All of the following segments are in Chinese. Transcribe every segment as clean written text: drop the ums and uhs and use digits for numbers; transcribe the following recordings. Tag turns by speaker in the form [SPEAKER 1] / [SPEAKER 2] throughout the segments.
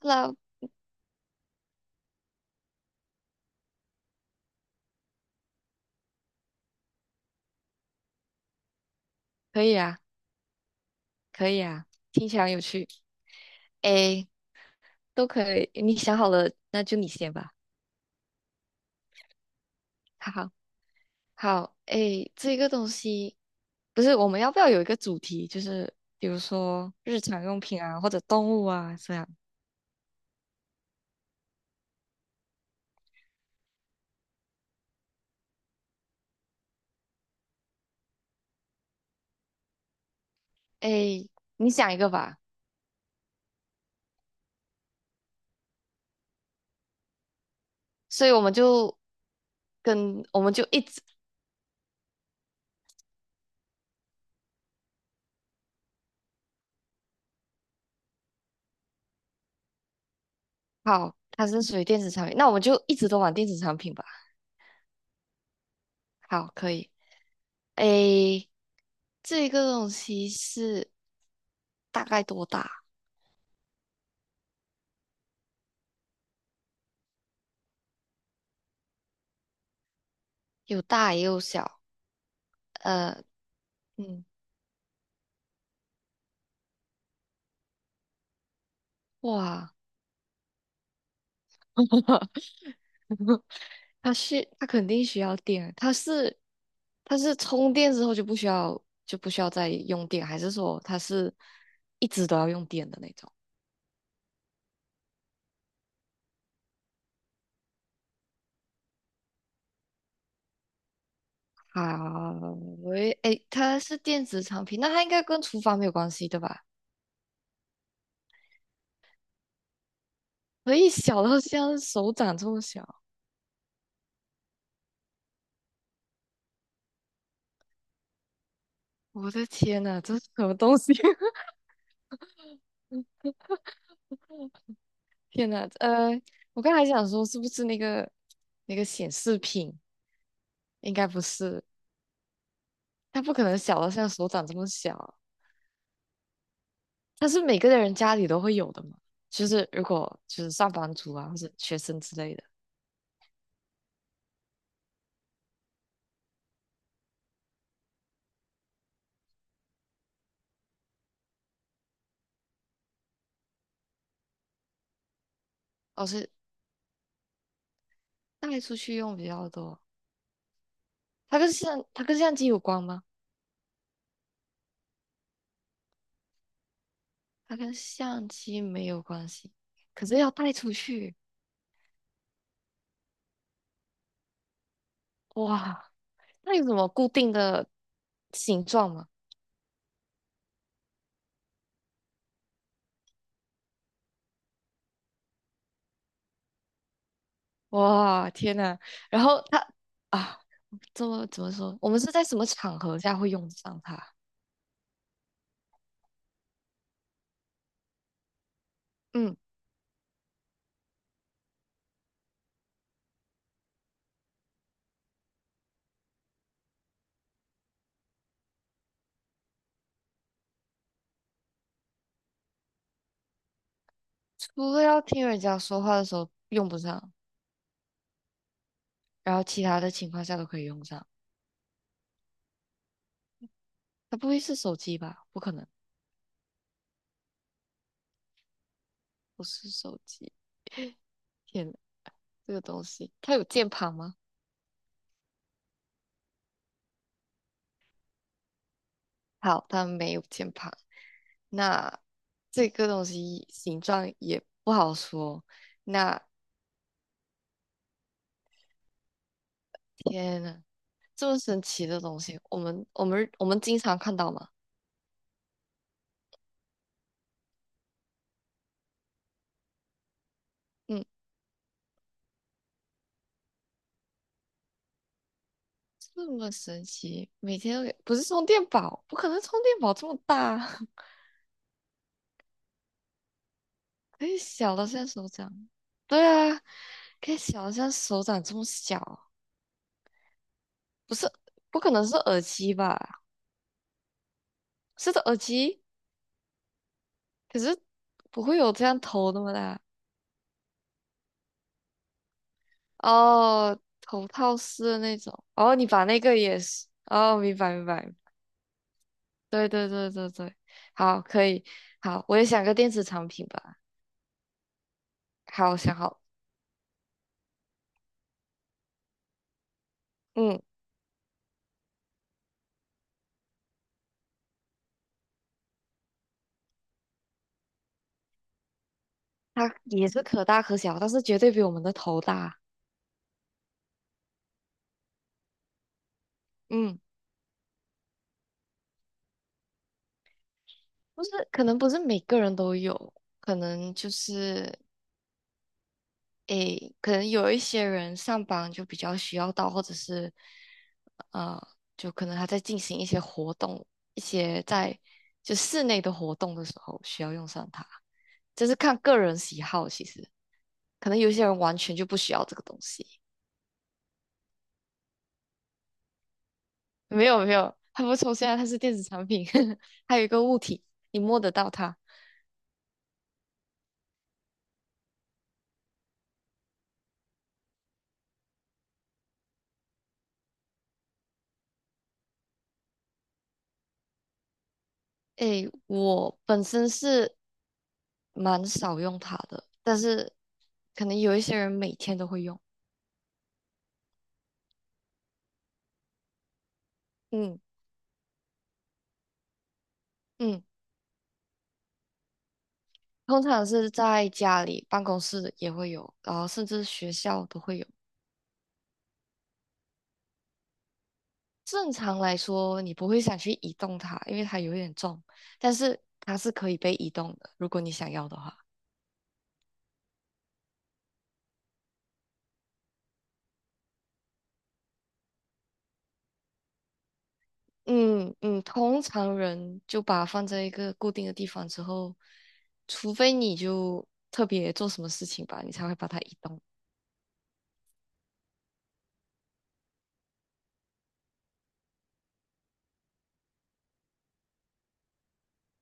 [SPEAKER 1] Club 可以啊，可以啊，听起来很有趣。诶，都可以，你想好了，那就你先吧。好，好，诶，这个东西不是我们要不要有一个主题，就是比如说日常用品啊，或者动物啊这样。诶，你想一个吧，所以我们就跟我们就一直好，它是属于电子产品，那我们就一直都玩电子产品吧。好，可以。诶，这个东西是大概多大？有大也有小，呃，嗯，哇，它肯定需要电，它是充电之后就不需要再用电，还是说它是一直都要用电的那种？好，喂，诶，它是电子产品，那它应该跟厨房没有关系对吧？可以小到像手掌这么小，我的天呐，这是什么东西？天呐，我刚才想说是不是那个显示屏？应该不是，它不可能小到像手掌这么小，它是每个人家里都会有的嘛。就是如果就是上班族啊，或者学生之类的，老师带出去用比较多。它跟相机有关吗？它跟相机没有关系，可是要带出去，哇，那有什么固定的形状吗？哇，天呐，然后它啊，这么怎么说？我们是在什么场合下会用得上它？嗯。除了要听人家说话的时候用不上，然后其他的情况下都可以用上。它不会是手机吧？不可能，不是手机。天呐，这个东西它有键盘吗？好，它没有键盘。那这个东西形状也不好说。那天呐，这么神奇的东西，我们经常看到嘛。嗯，这么神奇，每天都有不是充电宝，不可能充电宝这么大。可以小到像手掌，对啊，可以小到像手掌这么小，不是，不可能是耳机吧？是的耳机，可是不会有这样头那么大哦，头套式的那种。哦，你把那个也是，哦，明白明白，对对对对对，好，可以，好，我也想个电子产品吧。好，想好，嗯，它也是可大可小，但是绝对比我们的头大。嗯。不是，可能不是每个人都有，可能就是，诶，可能有一些人上班就比较需要到，或者是，呃，就可能他在进行一些活动，一些在就室内的活动的时候需要用上它，这是看个人喜好，其实可能有些人完全就不需要这个东西。没有没有，它不抽象，它是电子产品，还有一个物体，你摸得到它。诶，我本身是蛮少用它的，但是可能有一些人每天都会用。嗯嗯，通常是在家里、办公室也会有，然后甚至学校都会有。正常来说，你不会想去移动它，因为它有一点重，但是它是可以被移动的，如果你想要的话。嗯嗯，通常人就把它放在一个固定的地方之后，除非你就特别做什么事情吧，你才会把它移动。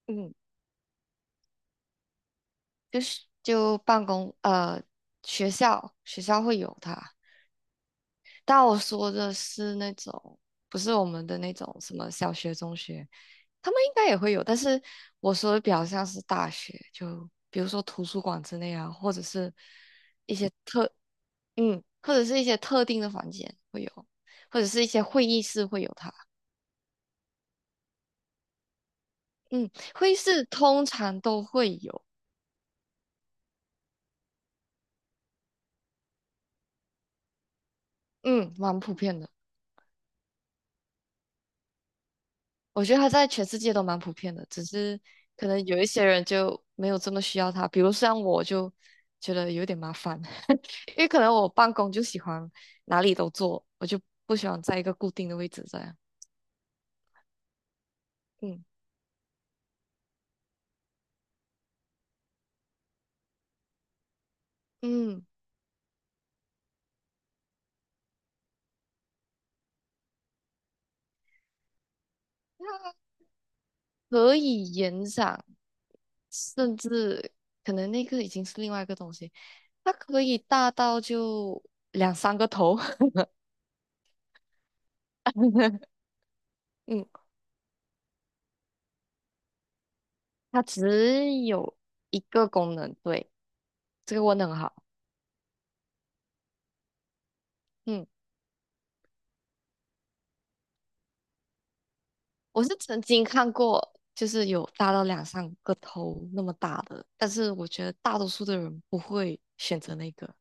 [SPEAKER 1] 嗯。就是就办公呃学校会有它，但我说的是那种不是我们的那种什么小学、中学，他们应该也会有，但是我说的比较像是大学，就比如说图书馆之类啊，或者是一些特嗯，或者是一些特定的房间会有，或者是一些会议室会有它，嗯，会议室通常都会有，嗯，蛮普遍的。我觉得它在全世界都蛮普遍的，只是可能有一些人就没有这么需要它，比如像我就觉得有点麻烦，因为可能我办公就喜欢哪里都坐，我就不喜欢在一个固定的位置这样。嗯嗯，它可以延展，甚至可能那个已经是另外一个东西，它可以大到就两三个头。嗯，它只有一个功能，对，这个问的很好。嗯。我是曾经看过，就是有大到两三个头那么大的，但是我觉得大多数的人不会选择那个，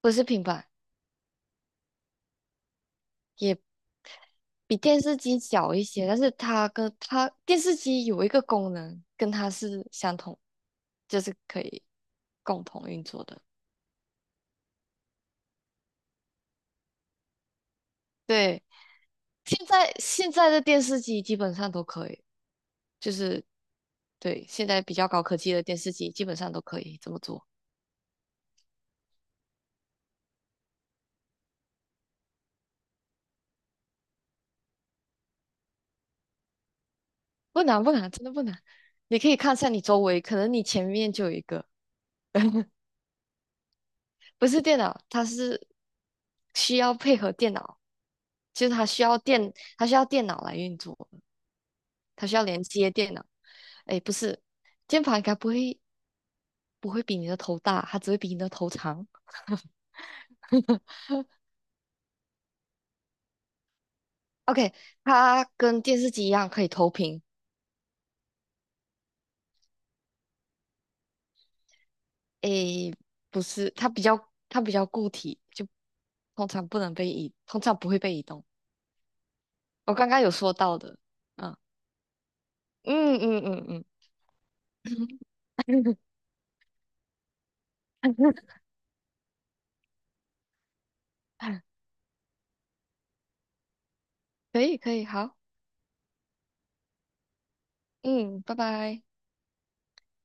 [SPEAKER 1] 不是平板，也比电视机小一些，但是它跟它电视机有一个功能跟它是相同，就是可以共同运作的。对，现在的电视机基本上都可以，就是对现在比较高科技的电视机基本上都可以这么做。不难不难，真的不难。你可以看一下你周围，可能你前面就有一个，不是电脑，它是需要配合电脑，就是它需要电，它需要电脑来运作，它需要连接电脑。哎，不是，键盘应该不会比你的头大，它只会比你的头长。OK，它跟电视机一样可以投屏。诶，不是，它比较固体，就通常不会被移动。我刚刚有说到的，嗯嗯嗯嗯嗯，可以可以，好，嗯，拜拜。